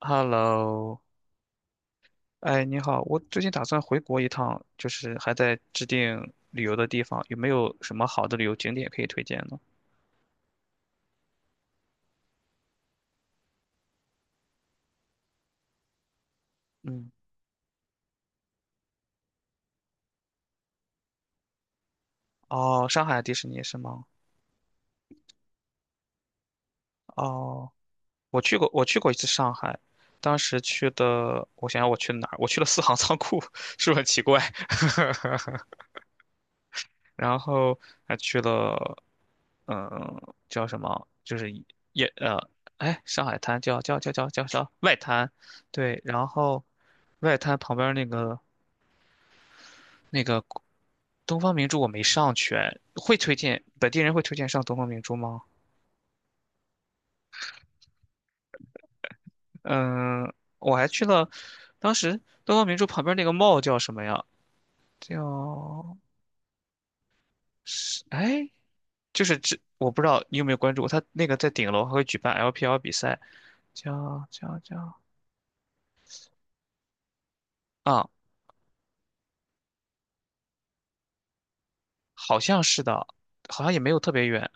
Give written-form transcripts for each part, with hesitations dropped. Hello，哎，你好，我最近打算回国一趟，就是还在制定旅游的地方，有没有什么好的旅游景点可以推荐呢？嗯，哦，上海迪士尼是吗？哦，我去过一次上海，当时去的，我想想我去了哪儿？我去了四行仓库，是不是很奇怪？然后还去了，叫什么？就是也呃，哎，上海滩叫外滩，对，然后外滩旁边那个。东方明珠我没上去，会推荐本地人会推荐上东方明珠吗？嗯，我还去了，当时东方明珠旁边那个 叫什么呀？叫是哎，就是这我不知道你有没有关注过，它那个在顶楼还会举办 LPL 比赛，叫叫叫啊，好像是的，好像也没有特别远，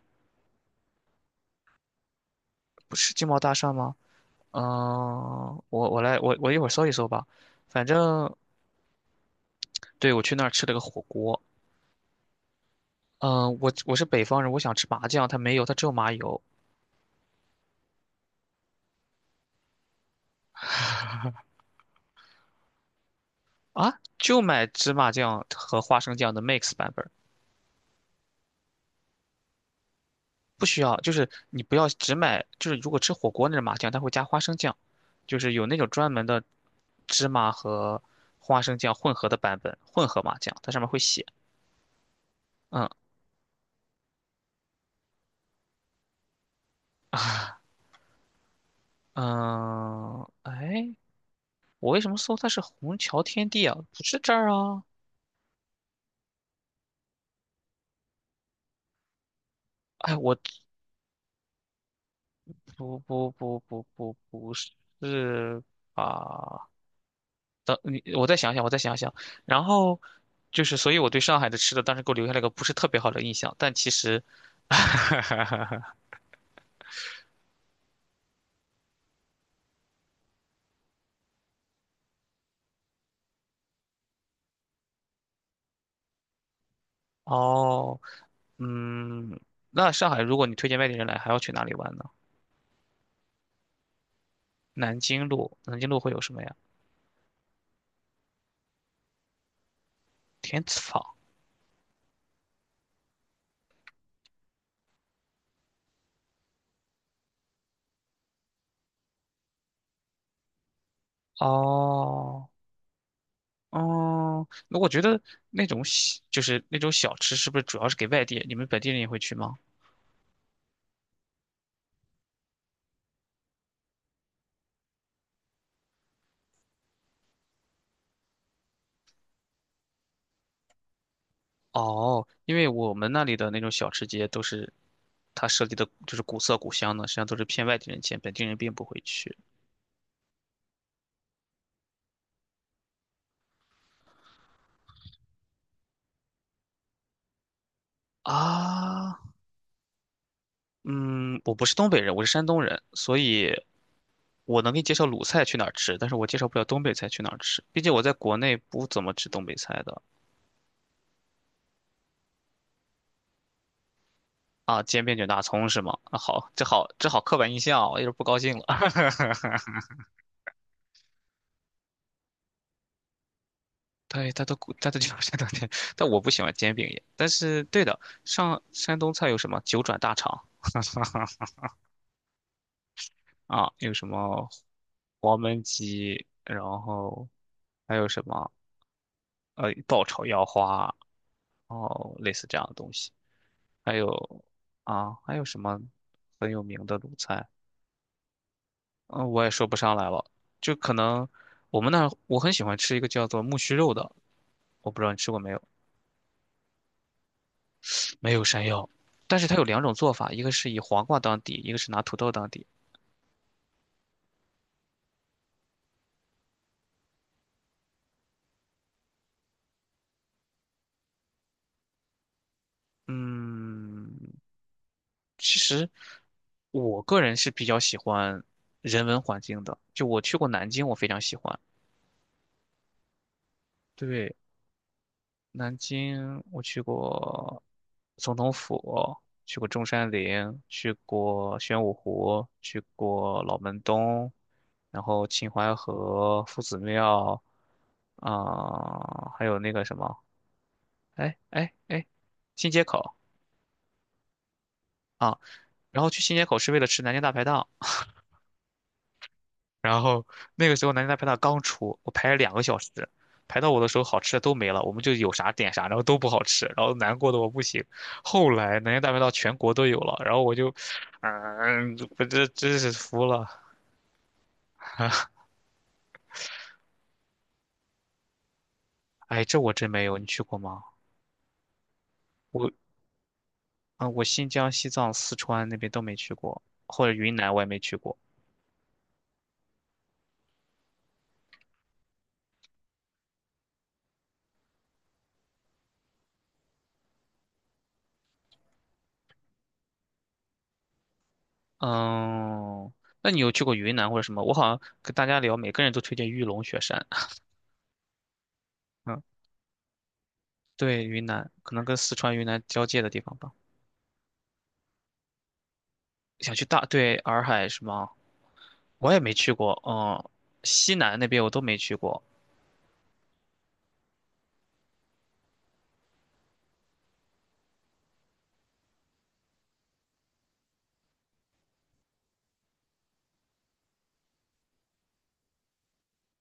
不是金茂大厦吗？嗯，我我来我我一会儿搜一搜吧，反正对我去那儿吃了个火锅，我是北方人，我想吃麻酱，它没有，它只有麻油啊，就买芝麻酱和花生酱的 mix 版本，不需要，就是你不要只买，就是如果吃火锅那种麻酱，它会加花生酱，就是有那种专门的芝麻和花生酱混合的版本，混合麻酱，它上面会写，嗯嗯，哎，我为什么搜它是虹桥天地啊？不是这儿啊，哎，我不不不不不不是啊。等你，我再想想，我再想想。然后就是，所以我对上海的吃的当时给我留下了一个不是特别好的印象。但其实，哦，嗯，那上海如果你推荐外地人来，还要去哪里玩呢？南京路，南京路会有什么呀？天子坊。哦，哦，那我觉得那种小就是那种小吃，是不是主要是给外地？你们本地人也会去吗？哦，因为我们那里的那种小吃街都是，它设计的就是古色古香的，实际上都是骗外地人钱，本地人并不会去。啊，嗯，我不是东北人，我是山东人，所以我能给你介绍鲁菜去哪儿吃，但是我介绍不了东北菜去哪儿吃，毕竟我在国内不怎么吃东北菜的。啊，煎饼卷大葱是吗？啊，好，这好刻板印象啊，我有点不高兴了。对，他都叫山东菜，但我不喜欢煎饼也。但是对的，上山东菜有什么九转大肠 啊，有什么黄焖鸡，然后还有什么爆炒腰花，哦，类似这样的东西。还有啊，还有什么很有名的鲁菜？嗯，我也说不上来了。就可能我们那儿我很喜欢吃一个叫做木须肉的，我不知道你吃过没有？没有山药，但是它有两种做法，一个是以黄瓜当底，一个是拿土豆当底。嗯，其实我个人是比较喜欢人文环境的，就我去过南京，我非常喜欢。对，南京我去过总统府，去过中山陵，去过玄武湖，去过老门东，然后秦淮河、夫子庙，还有那个什么，哎哎哎，新街口啊。然后去新街口是为了吃南京大排档，然后那个时候南京大排档刚出，我排了两个小时，排到我的时候好吃的都没了，我们就有啥点啥，然后都不好吃，然后难过的我不行。后来南京大排档全国都有了，然后我就，我这真是服了。哎，这我真没有，你去过吗？我我新疆、西藏、四川那边都没去过，或者云南我也没去过。嗯，那你有去过云南或者什么？我好像跟大家聊，每个人都推荐玉龙雪山。嗯，对，云南可能跟四川、云南交界的地方吧。想去大，对，洱海是吗？我也没去过，嗯，西南那边我都没去过，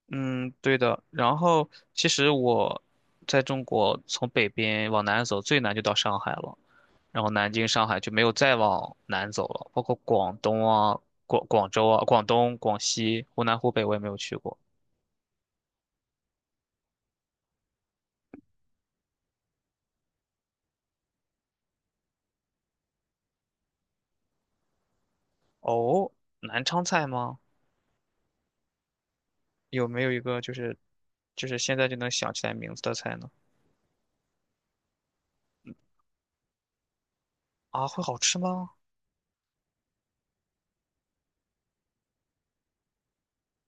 嗯，对的。然后其实我在中国从北边往南走，最南就到上海了，然后南京、上海就没有再往南走了，包括广东啊、广州啊、广东、广西、湖南、湖北我也没有去过。哦，南昌菜吗？有没有一个就是现在就能想起来名字的菜呢？啊，会好吃吗？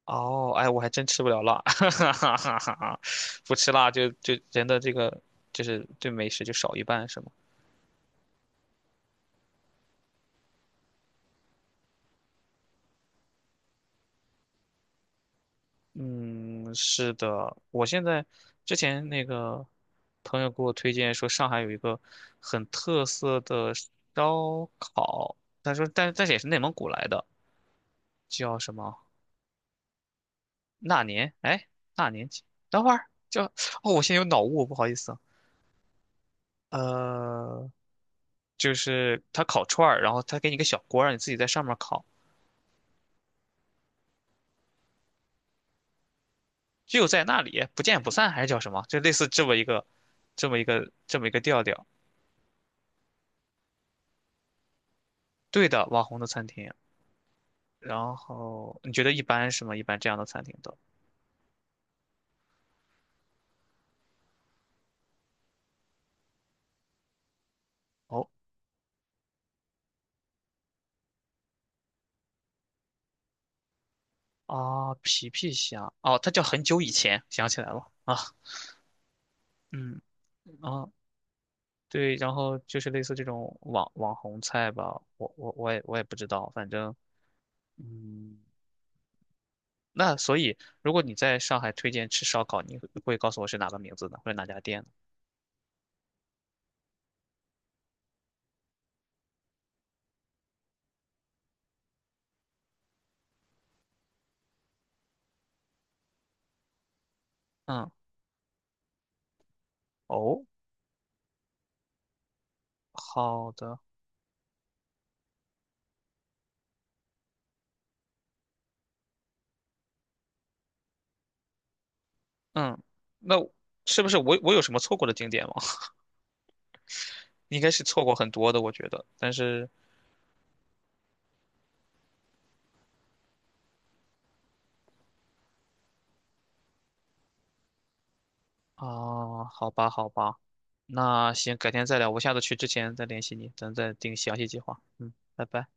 哦，哎，我还真吃不了辣，哈哈哈哈哈不吃辣就人的这个就是对美食就少一半是吗？嗯，是的，我现在之前那个朋友给我推荐说上海有一个很特色的烧烤，他说但是也是内蒙古来的，叫什么那年？哎，那年几？等会儿叫哦，我现在有脑雾，不好意思啊。呃，就是他烤串儿，然后他给你个小锅儿，让你自己在上面烤。只有在那里不见不散，还是叫什么？就类似这么一个调调。对的，网红的餐厅。然后你觉得一般是吗？一般这样的餐厅都哦啊，皮皮虾哦，它叫很久以前，想起来了啊，嗯啊，对，然后就是类似这种网红菜吧，我也不知道，反正嗯，那所以如果你在上海推荐吃烧烤，你会告诉我是哪个名字呢，或者哪家店呢？嗯，哦，好的。嗯，那是不是我有什么错过的景点吗？应该是错过很多的，我觉得。但是啊，好吧，好吧，那行，改天再聊。我下次去之前再联系你，咱再定详细计划。嗯，拜拜。